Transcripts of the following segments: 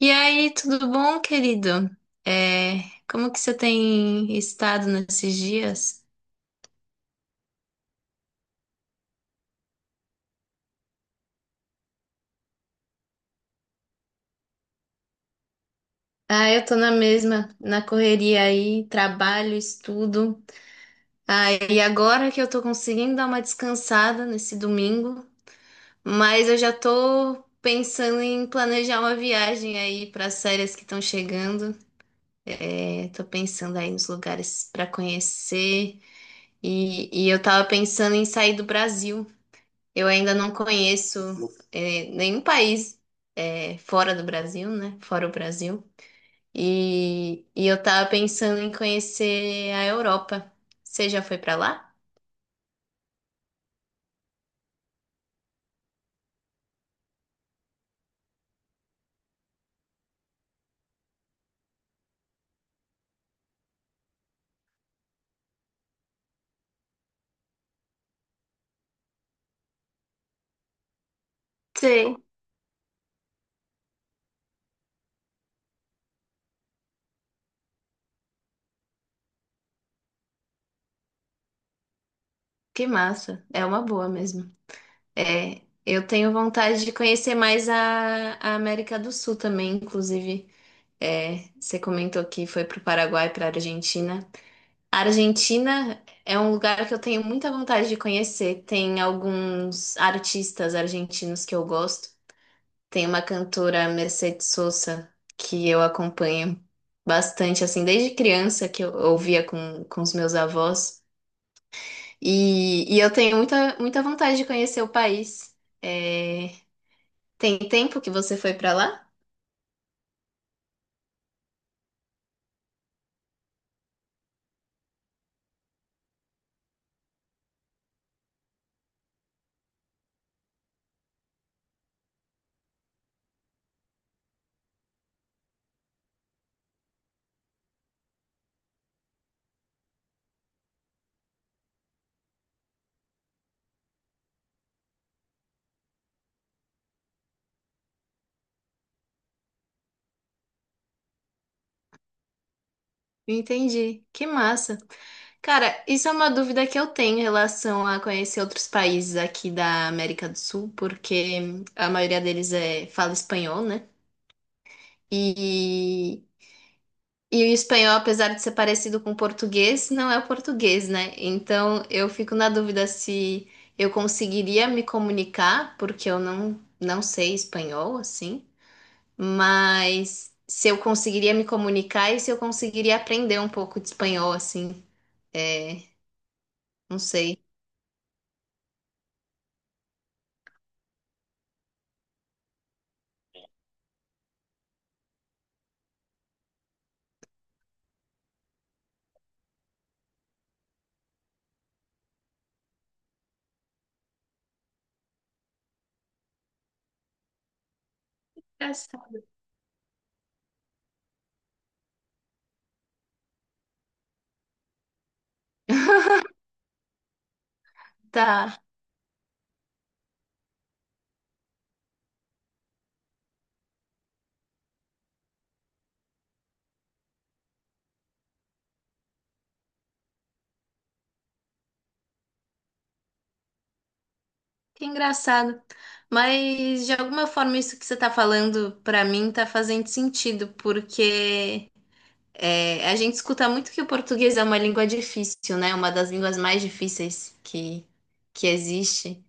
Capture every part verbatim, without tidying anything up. E aí, tudo bom, querido? É, Como que você tem estado nesses dias? Ah, eu tô na mesma, na correria aí, trabalho, estudo. Ah, e agora que eu tô conseguindo dar uma descansada nesse domingo, mas eu já tô pensando em planejar uma viagem aí para as férias que estão chegando. É, tô pensando aí nos lugares para conhecer e, e eu tava pensando em sair do Brasil. Eu ainda não conheço eh, nenhum país eh, fora do Brasil, né? Fora o Brasil. E, e eu tava pensando em conhecer a Europa. Você já foi pra lá? Sei. Que massa! É uma boa mesmo. É, eu tenho vontade de conhecer mais a, a América do Sul também, inclusive. É, você comentou que foi pro Paraguai, pra Argentina. A Argentina é um lugar que eu tenho muita vontade de conhecer. Tem alguns artistas argentinos que eu gosto. Tem uma cantora, Mercedes Sosa, que eu acompanho bastante, assim, desde criança que eu ouvia com, com os meus avós. E, e eu tenho muita, muita vontade de conhecer o país. É, tem tempo que você foi para lá? Entendi. Que massa. Cara, isso é uma dúvida que eu tenho em relação a conhecer outros países aqui da América do Sul, porque a maioria deles é, fala espanhol, né? E, e o espanhol, apesar de ser parecido com o português, não é o português, né? Então eu fico na dúvida se eu conseguiria me comunicar, porque eu não, não sei espanhol, assim, mas se eu conseguiria me comunicar e se eu conseguiria aprender um pouco de espanhol, assim. É, não sei. Engraçado. Tá, que engraçado. Mas de alguma forma isso que você tá falando pra mim tá fazendo sentido, porque é, a gente escuta muito que o português é uma língua difícil, né? Uma das línguas mais difíceis que, que existe.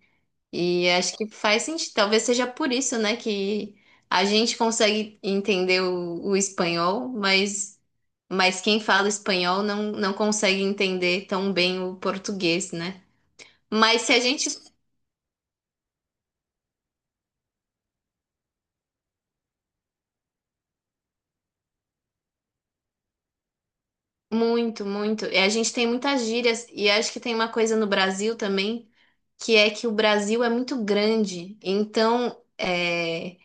E acho que faz sentido. Talvez seja por isso, né, que a gente consegue entender o, o espanhol, mas, mas quem fala espanhol não, não consegue entender tão bem o português, né? Mas se a gente. Muito, muito. E a gente tem muitas gírias, e acho que tem uma coisa no Brasil também, que é que o Brasil é muito grande. Então, é,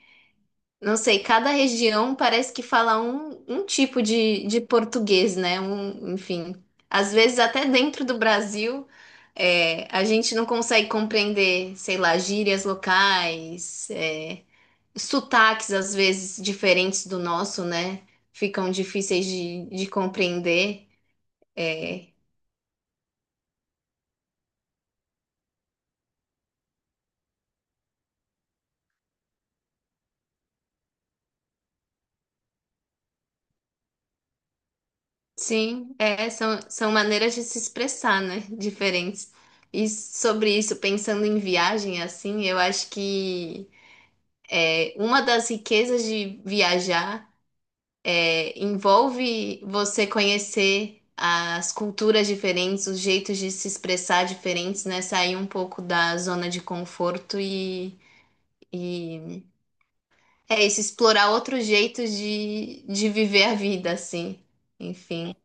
não sei, cada região parece que fala um, um tipo de, de português, né? Um, enfim. Às vezes, até dentro do Brasil, é, a gente não consegue compreender, sei lá, gírias locais. É, sotaques, às vezes, diferentes do nosso, né? Ficam difíceis de, de compreender. É, sim, é, são, são maneiras de se expressar, né? Diferentes. E sobre isso, pensando em viagem, assim, eu acho que é, uma das riquezas de viajar é, envolve você conhecer as culturas diferentes, os jeitos de se expressar diferentes, né? Sair um pouco da zona de conforto e, e é isso, explorar outros jeitos de, de viver a vida, assim. Enfim.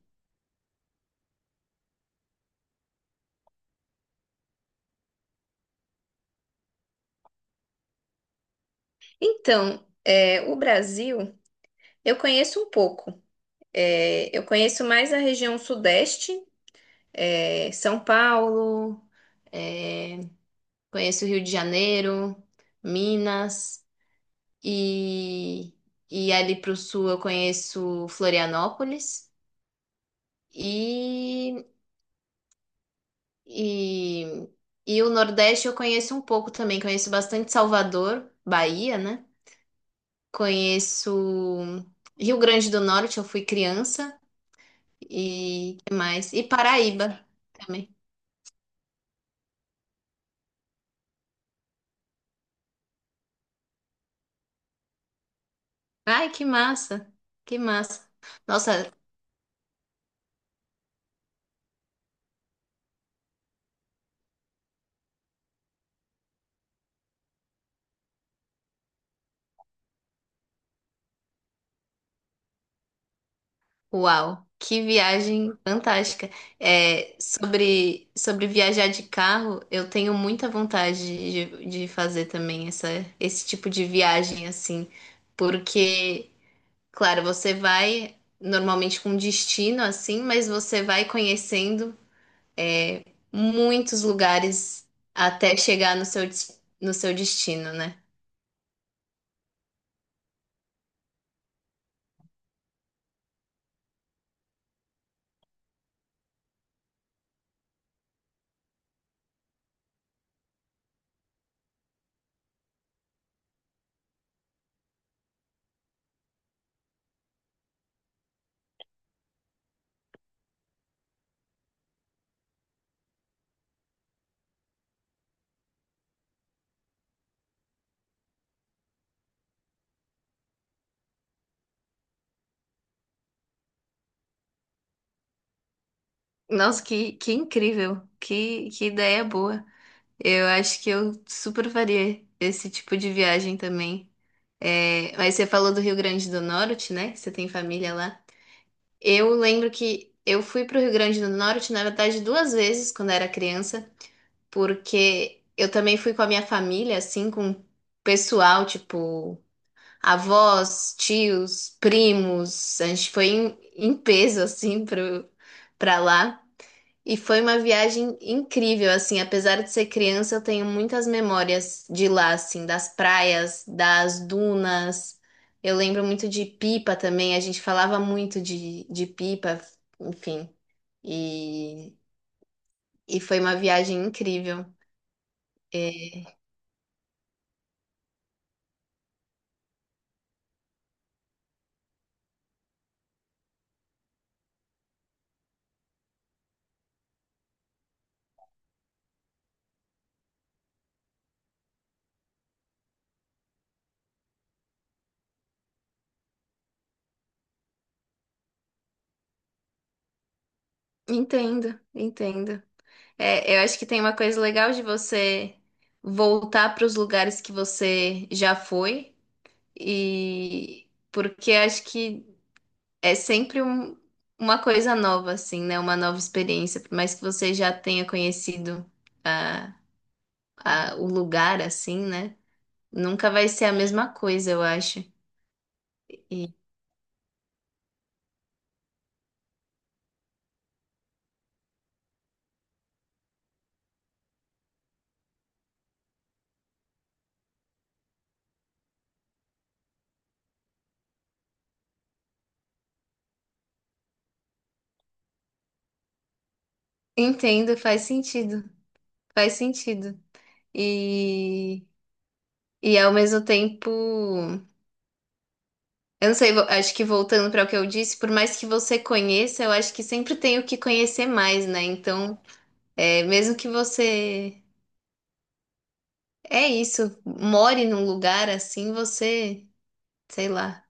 Então, é, o Brasil, eu conheço um pouco. É, eu conheço mais a região sudeste, é, São Paulo, é, conheço o Rio de Janeiro, Minas, e, e ali para o sul eu conheço Florianópolis. E e, e o Nordeste eu conheço um pouco também. Conheço bastante Salvador, Bahia, né? Conheço Rio Grande do Norte, eu fui criança. E que mais? E Paraíba também. Ai, que massa! Que massa! Nossa, uau! Que viagem fantástica. É, sobre, sobre viajar de carro, eu tenho muita vontade de, de fazer também essa, esse tipo de viagem assim, porque. Claro, você vai normalmente com destino assim, mas você vai conhecendo é, muitos lugares até chegar no seu, des- no seu destino, né? Nossa, que, que incrível! Que, que ideia boa! Eu acho que eu super faria esse tipo de viagem também. É, mas você falou do Rio Grande do Norte, né? Você tem família lá. Eu lembro que eu fui para o Rio Grande do Norte, na verdade, duas vezes quando era criança, porque eu também fui com a minha família, assim, com o pessoal, tipo, avós, tios, primos. A gente foi em, em peso, assim, pro, pra lá. E foi uma viagem incrível, assim, apesar de ser criança, eu tenho muitas memórias de lá, assim, das praias, das dunas. Eu lembro muito de pipa também, a gente falava muito de, de pipa, enfim. E, e foi uma viagem incrível. É, entendo, entendo. É, eu acho que tem uma coisa legal de você voltar para os lugares que você já foi e porque acho que é sempre um- uma coisa nova, assim, né? Uma nova experiência, por mais que você já tenha conhecido a, a- o lugar, assim, né? Nunca vai ser a mesma coisa, eu acho. E entendo, faz sentido, faz sentido. E, e ao mesmo tempo. Eu não sei, vo- acho que voltando para o que eu disse, por mais que você conheça, eu acho que sempre tem o que conhecer mais, né? Então, é, mesmo que você, é isso, more num lugar assim, você, sei lá.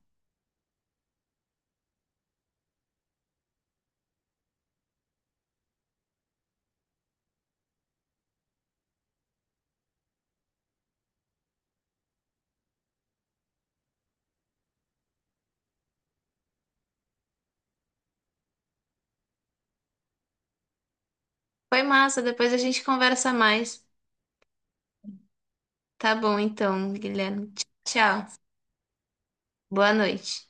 Foi massa, depois a gente conversa mais. Tá bom, então, Guilherme. Tchau. Boa noite.